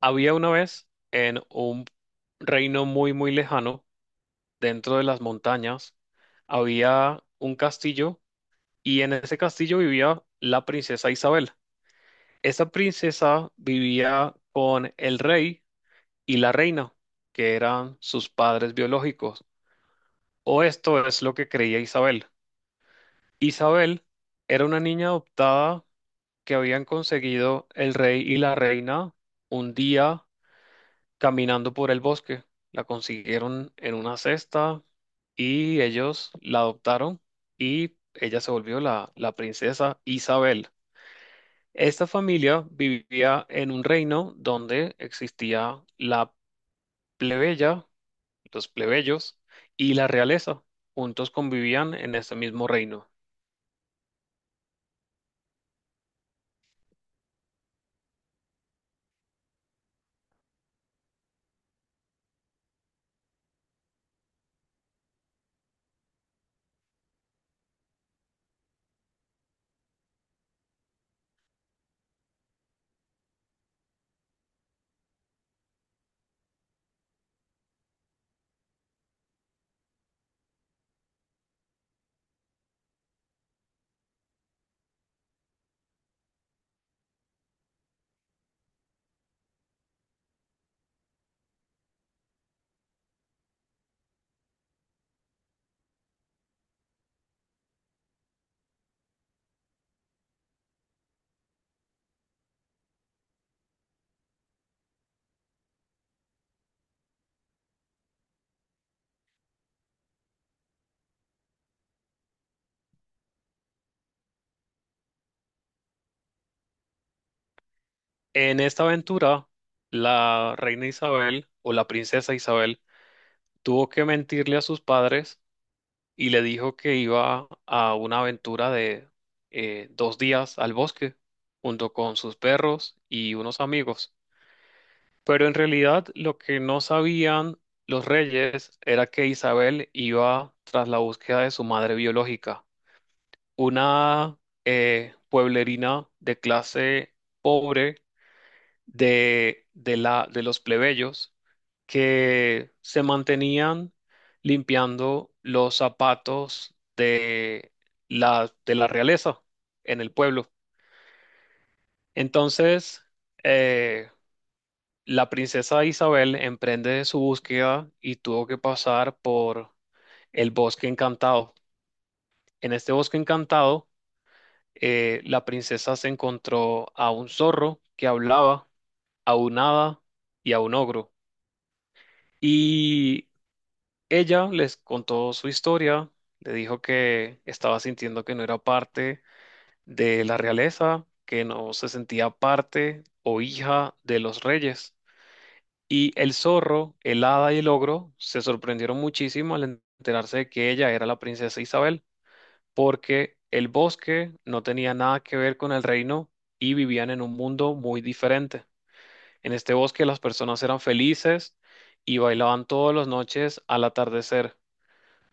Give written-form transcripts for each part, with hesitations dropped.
Había una vez en un reino muy, muy lejano, dentro de las montañas, había un castillo y en ese castillo vivía la princesa Isabel. Esa princesa vivía con el rey y la reina, que eran sus padres biológicos, o esto es lo que creía Isabel. Isabel era una niña adoptada que habían conseguido el rey y la reina un día caminando por el bosque. La consiguieron en una cesta y ellos la adoptaron y ella se volvió la princesa Isabel. Esta familia vivía en un reino donde existía la plebeya, los plebeyos y la realeza. Juntos convivían en este mismo reino. En esta aventura, la reina Isabel o la princesa Isabel tuvo que mentirle a sus padres y le dijo que iba a una aventura de 2 días al bosque junto con sus perros y unos amigos. Pero en realidad lo que no sabían los reyes era que Isabel iba tras la búsqueda de su madre biológica, una pueblerina de clase pobre de los plebeyos que se mantenían limpiando los zapatos de de la realeza en el pueblo. Entonces, eh, la princesa Isabel emprende su búsqueda y tuvo que pasar por el bosque encantado. En este bosque encantado, la princesa se encontró a un zorro que hablaba, a un hada y a un ogro. Y Ella les contó su historia, le dijo que estaba sintiendo que no era parte de la realeza, que no se sentía parte o hija de los reyes. Y el zorro, el hada y el ogro se sorprendieron muchísimo al enterarse de que ella era la princesa Isabel, porque el bosque no tenía nada que ver con el reino y vivían en un mundo muy diferente. En este bosque las personas eran felices y bailaban todas las noches al atardecer,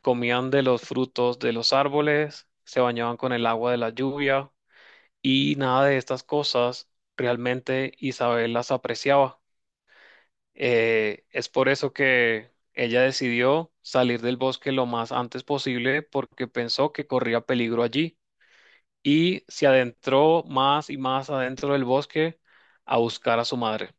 comían de los frutos de los árboles, se bañaban con el agua de la lluvia y nada de estas cosas realmente Isabel las apreciaba. Es por eso que ella decidió salir del bosque lo más antes posible porque pensó que corría peligro allí y se adentró más y más adentro del bosque a buscar a su madre.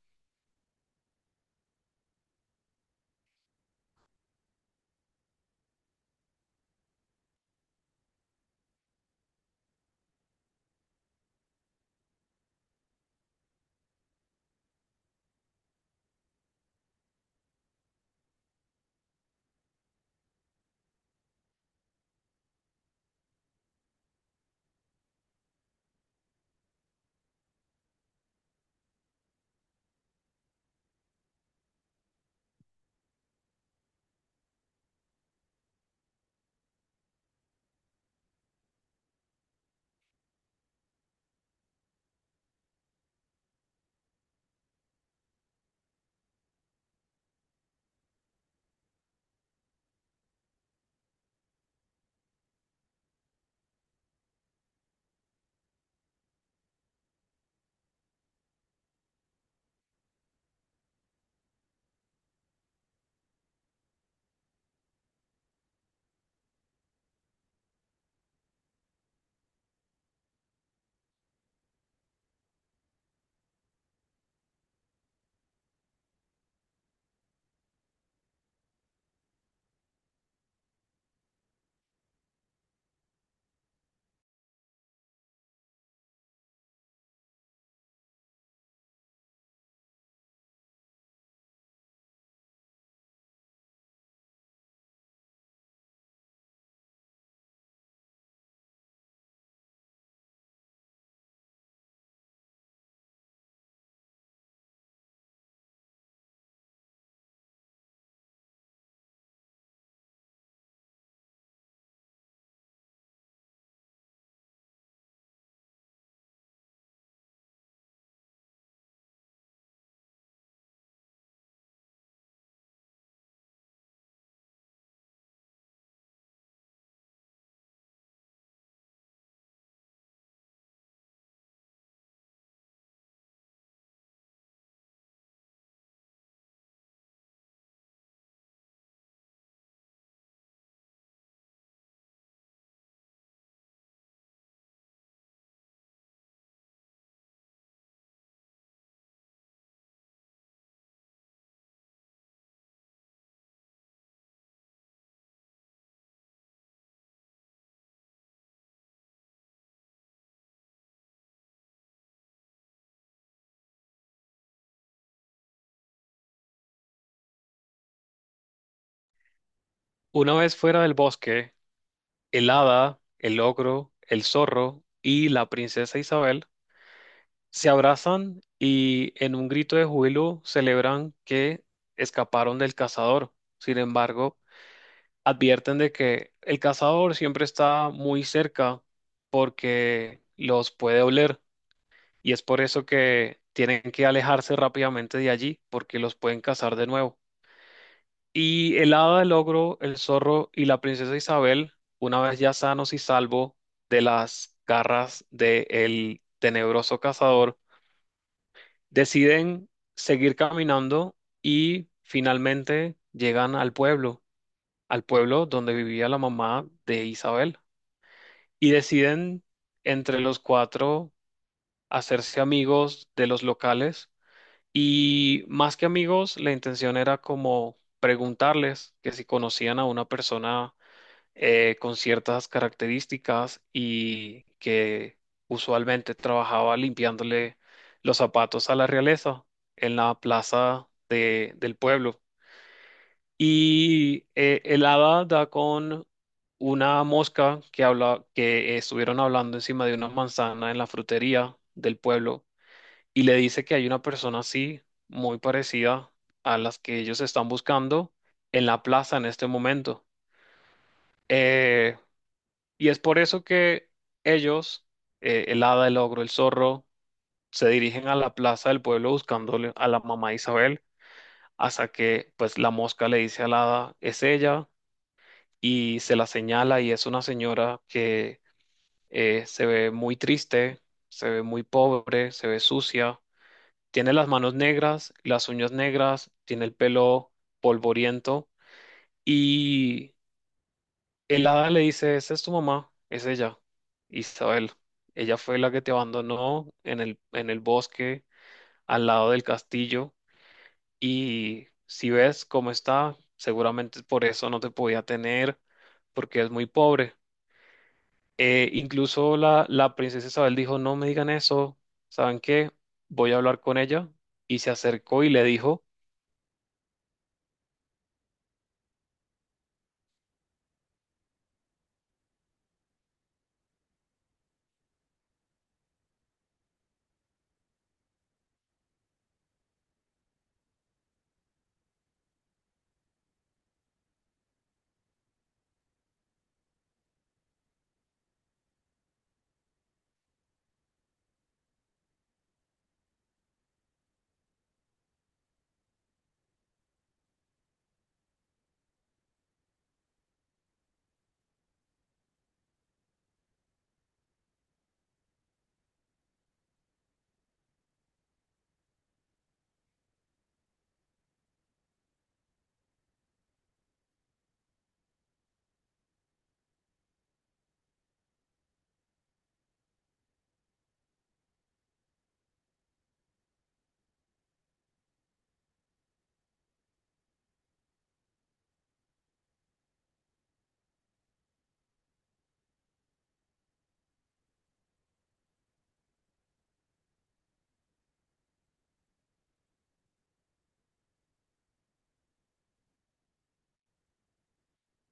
Una vez fuera del bosque, el hada, el ogro, el zorro y la princesa Isabel se abrazan y en un grito de júbilo celebran que escaparon del cazador. Sin embargo, advierten de que el cazador siempre está muy cerca porque los puede oler y es por eso que tienen que alejarse rápidamente de allí porque los pueden cazar de nuevo. Y el hada, el ogro, el zorro y la princesa Isabel, una vez ya sanos y salvos de las garras del tenebroso cazador, deciden seguir caminando y finalmente llegan al pueblo donde vivía la mamá de Isabel. Y deciden entre los cuatro hacerse amigos de los locales. Y más que amigos, la intención era como preguntarles que si conocían a una persona con ciertas características y que usualmente trabajaba limpiándole los zapatos a la realeza en la plaza del pueblo. Y el hada da con una mosca que habla, que estuvieron hablando encima de una manzana en la frutería del pueblo y le dice que hay una persona así, muy parecida a las que ellos están buscando en la plaza en este momento. Eh, Y es por eso que ellos, el hada, el ogro, el zorro, se dirigen a la plaza del pueblo buscándole a la mamá Isabel, hasta que pues la mosca le dice a la hada: es ella. Y se la señala, y es una señora que se ve muy triste, se ve muy pobre, se ve sucia, tiene las manos negras, las uñas negras, tiene el pelo polvoriento. Y el hada le dice: esa es tu mamá, es ella, Isabel. Ella fue la que te abandonó en en el bosque al lado del castillo, y si ves cómo está, seguramente por eso no te podía tener, porque es muy pobre. Incluso la princesa Isabel dijo: no me digan eso, ¿saben qué? Voy a hablar con ella. Y se acercó y le dijo: